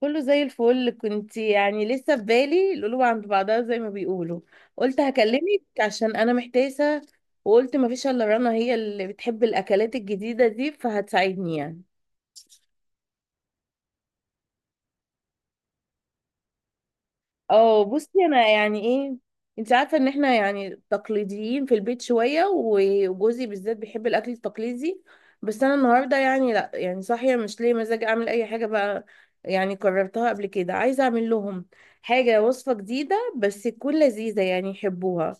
كله زي الفل. كنت يعني لسه في بالي القلوب عند بعضها زي ما بيقولوا. قلت هكلمك عشان انا محتاسه، وقلت ما فيش الا رنا، هي اللي بتحب الاكلات الجديده دي فهتساعدني يعني. اه بصي، انا يعني ايه، انت عارفه ان احنا يعني تقليديين في البيت شويه، وجوزي بالذات بيحب الاكل التقليدي. بس انا النهارده يعني لا صاحيه، مش ليه مزاج اعمل اي حاجه بقى. يعني قررتها قبل كده، عايزه اعمل لهم حاجه، وصفه جديده بس تكون لذيذه يعني يحبوها.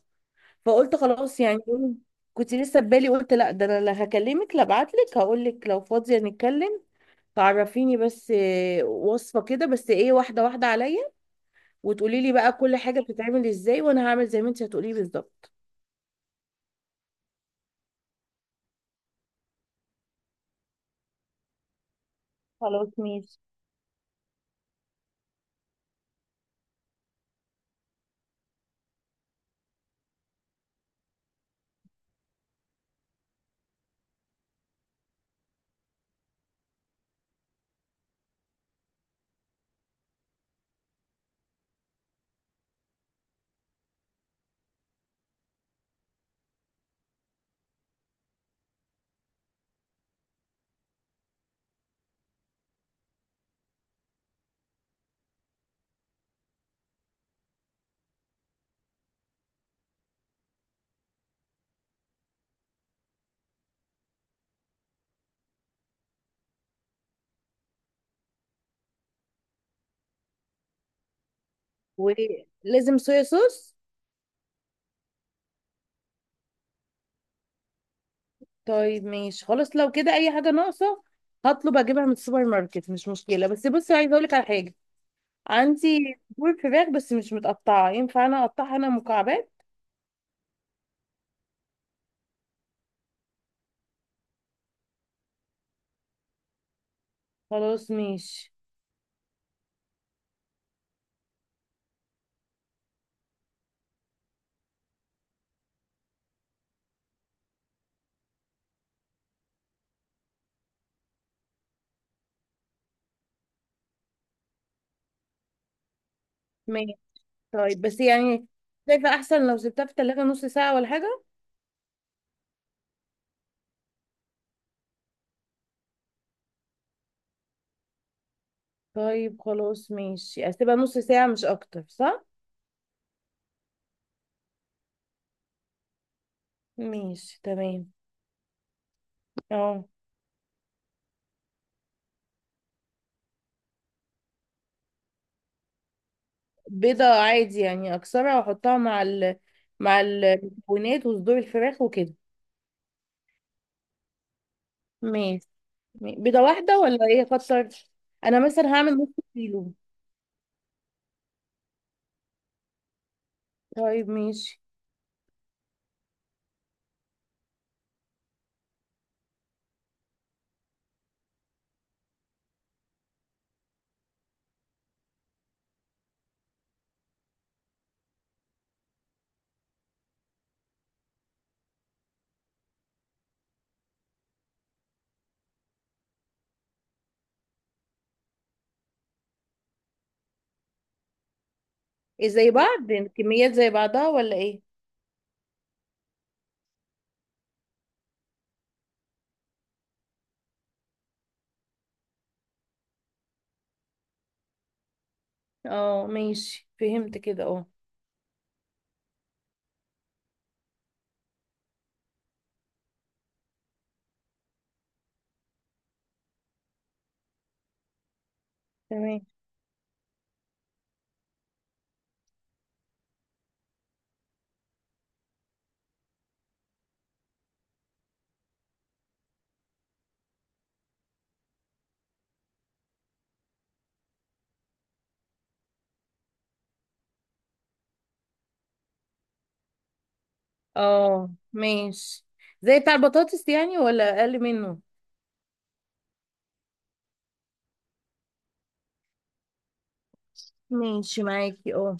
فقلت خلاص يعني إيه، كنت لسه ببالي قلت لا ده انا لا هكلمك لا ابعتلك هقولك لو فاضيه نتكلم تعرفيني، بس إيه، وصفه كده، بس ايه، واحده واحده عليا، وتقولي لي بقى كل حاجة بتتعمل ازاي، وانا هعمل زي ما انت هتقولي لي بالظبط. خلاص ماشي. ولازم صويا صوص؟ طيب ماشي، خلاص لو كده اي حاجة ناقصة هطلب اجيبها من السوبر ماركت، مش مشكلة. بس بصي، عايزة اقولك على حاجة. عندي صدور فراخ، بس مش متقطعة، ينفع انا اقطعها انا مكعبات؟ خلاص ماشي. ماشي. طيب بس يعني، شايفة احسن لو سبتها في التلاجة نص ساعة ولا حاجة؟ طيب خلاص ماشي، اسيبها نص ساعة مش اكتر، صح؟ ماشي تمام. اه، بيضة عادي يعني، أكسرها وأحطها مع مع المكونات وصدور الفراخ وكده. ماشي. بيضة واحدة ولا إيه أكتر؟ أنا مثلا هعمل نص كيلو. طيب ماشي. إيه، زي بعض الكميات، زي بعضها ولا إيه؟ اه ماشي، فهمت كده اه. تمام. اه ماشي. زي بتاع البطاطس يعني ولا أقل منه؟ ماشي معاكي اه.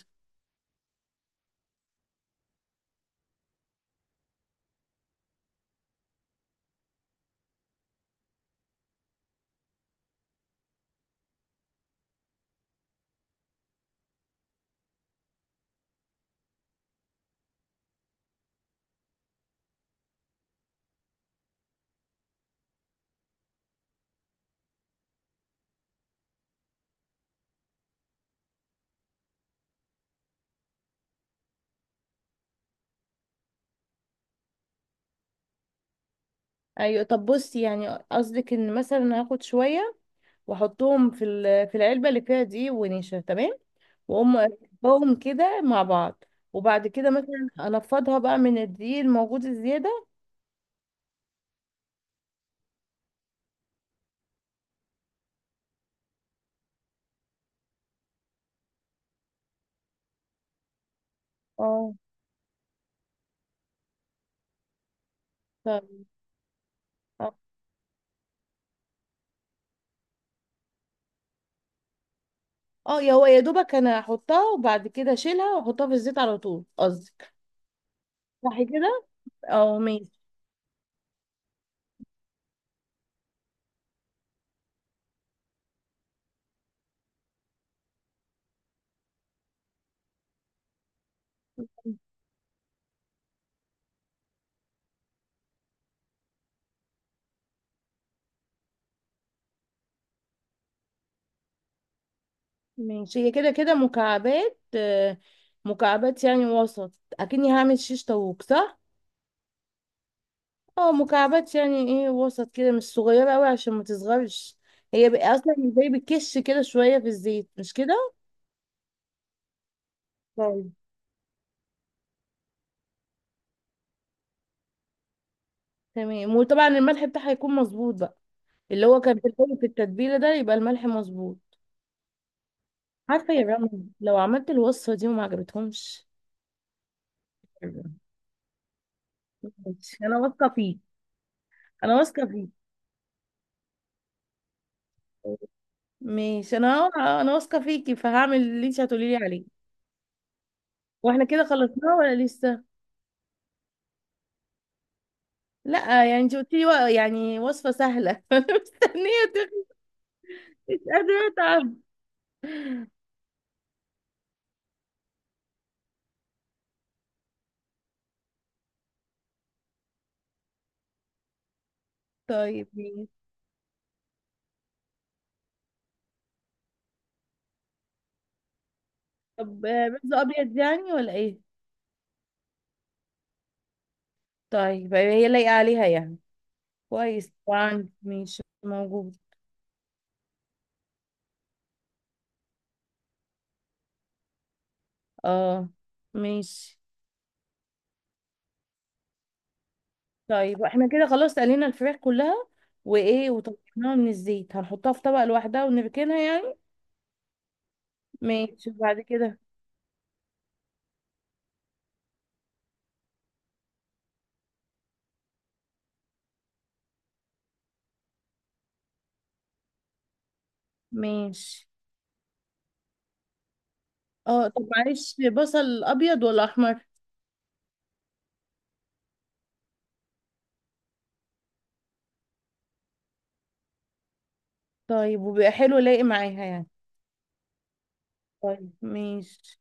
ايوه، طب بصي، يعني قصدك ان مثلا هاخد شويه واحطهم في العلبه اللي فيها دي ونشا، تمام. واقوم افركهم كده مع بعض، وبعد كده مثلا انفضها بقى من الدقيق الموجود الزياده. اه. ف... اه آه، يا هو يا دوبك انا احطها وبعد كده اشيلها واحطها في الزيت على طول، قصدك؟ صح كده. اه ماشي. ماشي. هي كده كده مكعبات، آه، مكعبات يعني وسط. اكني هعمل شيش طاووق صح. اه مكعبات يعني، ايه، وسط كده مش صغيره قوي عشان ما تصغرش. هي بقى اصلا زي بتكش كده شويه في الزيت، مش كده؟ تمام. وطبعا الملح بتاعها هيكون مظبوط بقى، اللي هو كان في الأول في التتبيله ده، يبقى الملح مظبوط. عارفه يا رنا، لو عملت الوصفه دي وما عجبتهمش. ماشي، انا واثقه فيك، انا واثقه فيك. ماشي. انا واثقه فيكي فهعمل اللي انت هتقولي لي عليه. واحنا كده خلصناه ولا لسه؟ لا يعني، انت قلتي لي يعني وصفه سهله. انا مستنيه تخلص، مش قادره اتعب. طيب ماشي. طب آه، بيض ابيض يعني ولا ايه؟ طيب هي لايقه عليها يعني؟ كويس، وعندي ماشي موجود. اه ماشي. طيب احنا كده خلاص قلينا الفراخ كلها، وايه، وطلعناها من الزيت، هنحطها في طبق لوحدها ونركنها يعني؟ ماشي، وبعد كده. ماشي. اه طب معلش، بصل ابيض ولا احمر؟ طيب وبيبقى حلو لايق معاها يعني؟ طيب ماشي.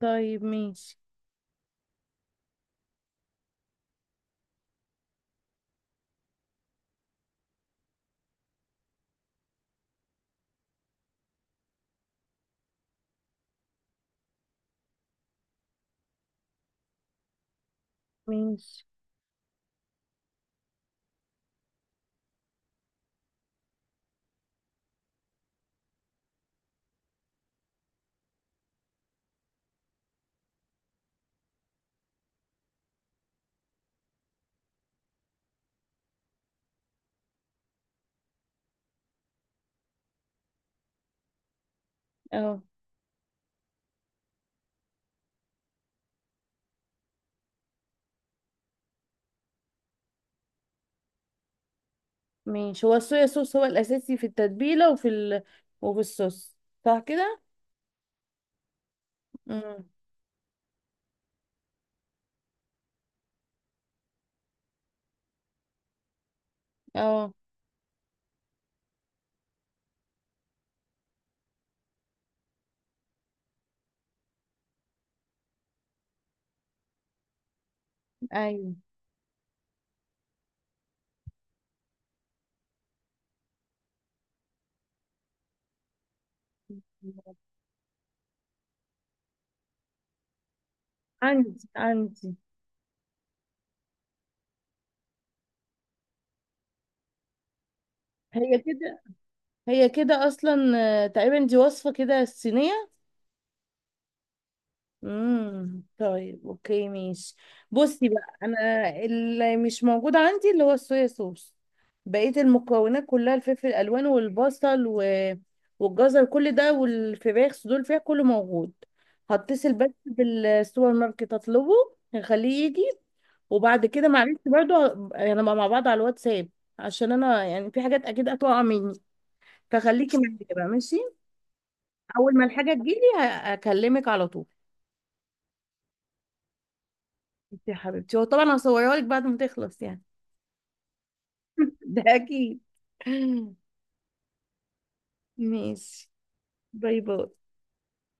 طيب ماشي. ماشي. اه ماشي. هو الصويا صوص هو الاساسي في التتبيله وفي الصوص، صح كده؟ امم. اه ايوه. عندي. هي كده، هي كده اصلا. آه، تقريبا دي وصفة كده الصينية. طيب اوكي ماشي. بصي بقى، انا اللي مش موجود عندي اللي هو الصويا صوص، بقية المكونات كلها: الفلفل الالوان والبصل والجزر كل ده، والفراخ صدور الفراخ كله موجود. هتصل بس بالسوبر ماركت اطلبه، هخليه يجي. وبعد كده معلش برضو هنبقى مع بعض على الواتساب، عشان انا يعني في حاجات اكيد هتقع مني، فخليكي معايا بقى ماشي. اول ما الحاجه تجيلي هكلمك على طول. انت يا حبيبتي، هو طبعا هصورها لك بعد ما تخلص يعني. ده اكيد. ماشي. باي باي.